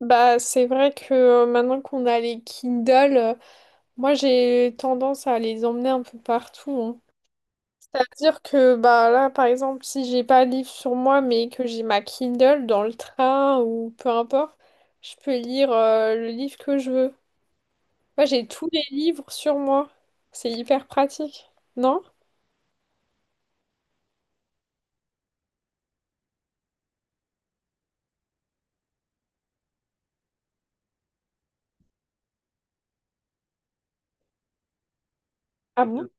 Bah, c'est vrai que maintenant qu'on a les Kindle, moi j'ai tendance à les emmener un peu partout, hein. C'est-à-dire que bah là, par exemple, si j'ai pas de livre sur moi, mais que j'ai ma Kindle dans le train ou peu importe, je peux lire le livre que je veux. Moi, j'ai tous les livres sur moi. C'est hyper pratique, non? Ah bon?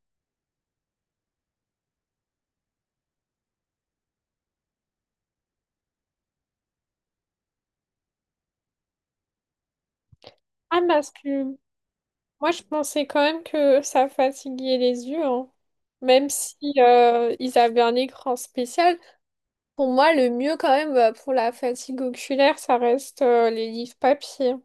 Ah, parce que moi, je pensais quand même que ça fatiguait les yeux, hein. Même si ils avaient un écran spécial. Pour moi, le mieux quand même bah, pour la fatigue oculaire, ça reste les livres papier.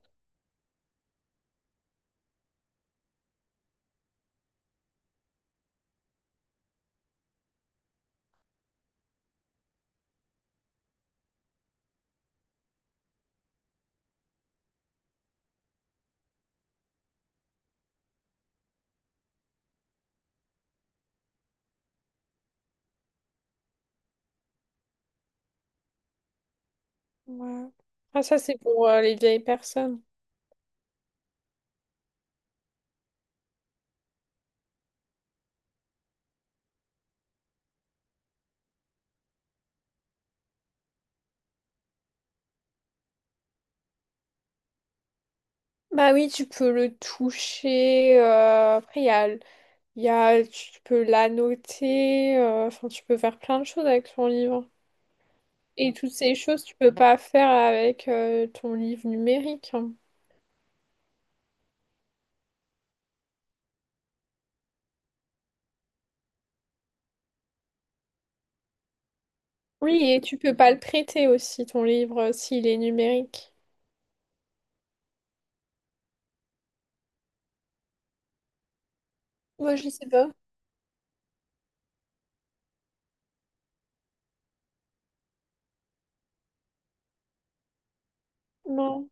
Ouais. Ah, ça, c'est pour les vieilles personnes. Bah oui, tu peux le toucher. Après, il y a, il y a, tu peux l'annoter. Enfin, tu peux faire plein de choses avec ton livre. Et toutes ces choses, tu peux pas faire avec ton livre numérique, hein. Oui, et tu peux pas le prêter aussi, ton livre, s'il est numérique. Moi, je sais pas. Non.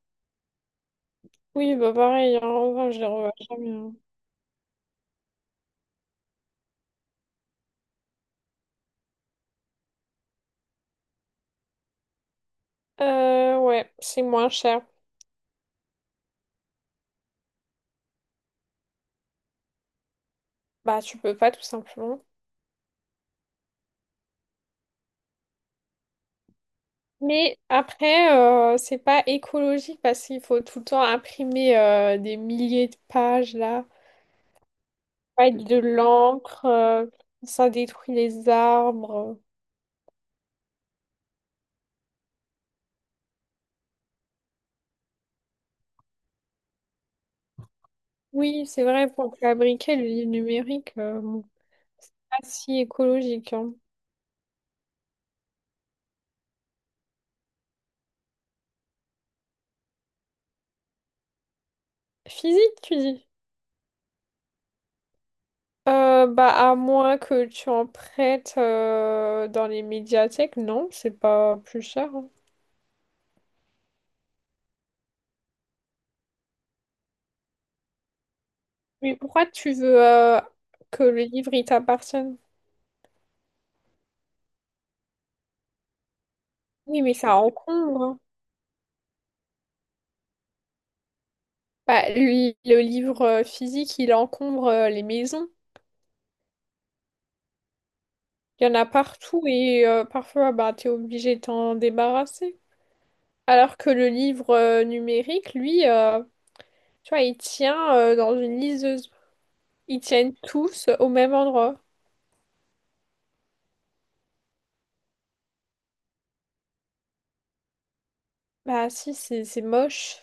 Oui, bah pareil, hein. Enfin, je les revois jamais, hein. Ouais, c'est moins cher. Bah, tu peux pas tout simplement. Mais après, c'est pas écologique parce qu'il faut tout le temps imprimer des milliers de pages là, avec de l'encre, ça détruit les arbres. Oui, c'est vrai, pour fabriquer le livre numérique, bon, c'est pas si écologique, hein. Physique, tu dis? Bah, à moins que tu en prêtes dans les médiathèques, non, c'est pas plus cher, hein. Mais pourquoi tu veux que le livre il t'appartienne? Oui, mais ça encombre, hein. Bah, lui, le livre physique, il encombre les maisons. Il y en a partout et parfois, bah, t'es obligé de t'en débarrasser. Alors que le livre numérique, lui, tu vois, il tient dans une liseuse. Ils tiennent tous au même endroit. Bah, si, c'est moche.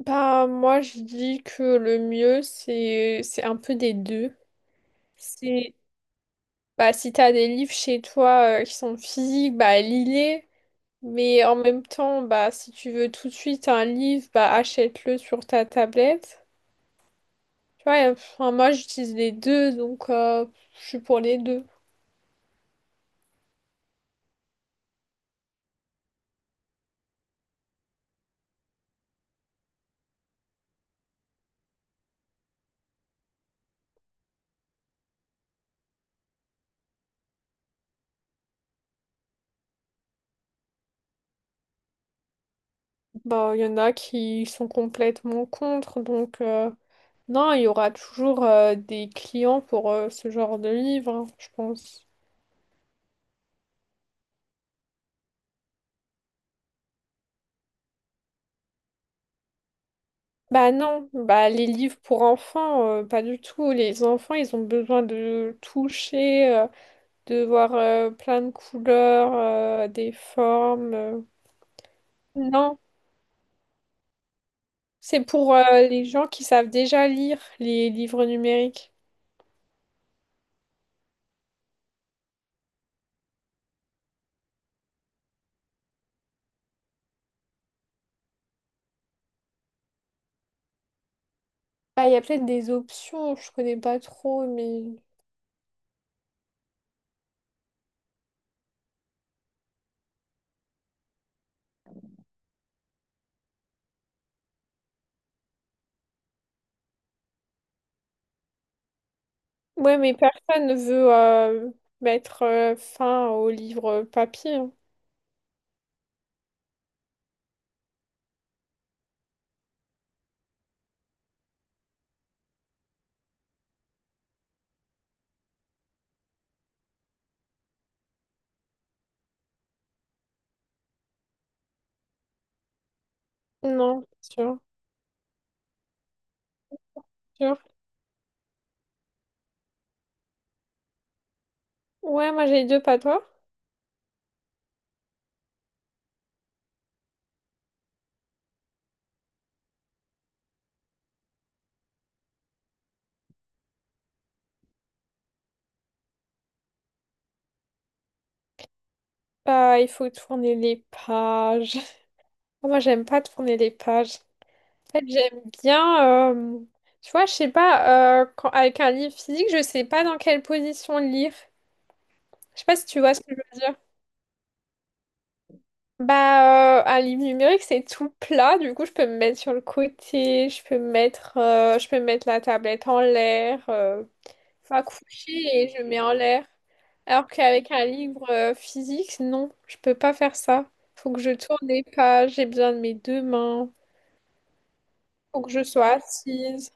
Bah, moi, je dis que le mieux, c'est un peu des deux. C'est Bah, si t'as des livres chez toi qui sont physiques, bah lis-les. Mais en même temps, bah si tu veux tout de suite un livre, bah achète-le sur ta tablette. Tu vois, et, enfin, moi j'utilise les deux, donc je suis pour les deux. Bah il y en a qui sont complètement contre, donc non, il y aura toujours des clients pour ce genre de livre, hein, je pense. Bah non, bah les livres pour enfants, pas du tout. Les enfants, ils ont besoin de toucher, de voir plein de couleurs, des formes. Non, c'est pour les gens qui savent déjà lire les livres numériques. Ah, il y a peut-être des options, je connais pas trop, mais… Ouais, mais personne ne veut mettre fin aux livres papier, hein. Non, c'est sûr, c'est sûr. Ouais, moi j'ai les deux, pas toi. Bah, il faut tourner les pages. Moi, j'aime pas tourner les pages. En fait, j'aime bien, tu vois, je sais pas, avec un livre physique, je sais pas dans quelle position le lire. Je sais pas si tu vois ce que je veux dire. Bah, un livre numérique, c'est tout plat, du coup, je peux me mettre sur le côté, je peux me mettre, je peux mettre la tablette en l'air, enfin, coucher et je mets en l'air. Alors qu'avec un livre physique, non, je peux pas faire ça. Faut que je tourne les pages, j'ai besoin de mes deux mains, faut que je sois assise.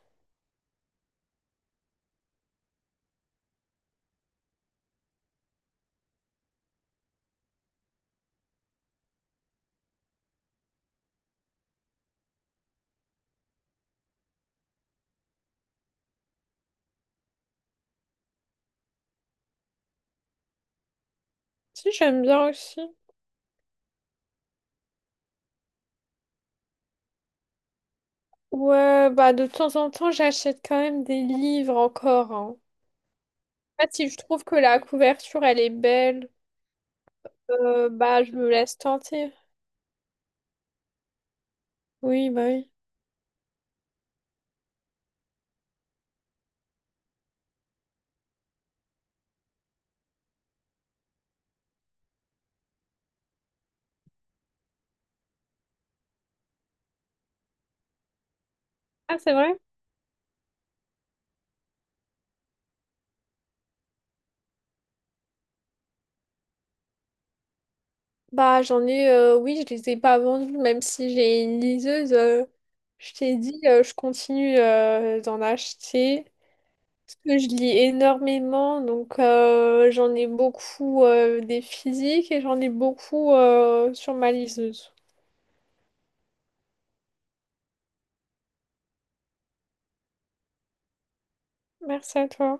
Si, j'aime bien aussi. Ouais, bah de temps en temps, j'achète quand même des livres encore, hein. En fait, si je trouve que la couverture, elle est belle, bah je me laisse tenter. Oui, bah oui. Ah, c'est vrai? Bah j'en ai, oui, je les ai pas vendus, même si j'ai une liseuse. Je t'ai dit, je continue d'en acheter. Parce que je lis énormément, donc j'en ai beaucoup des physiques et j'en ai beaucoup sur ma liseuse. Merci à toi.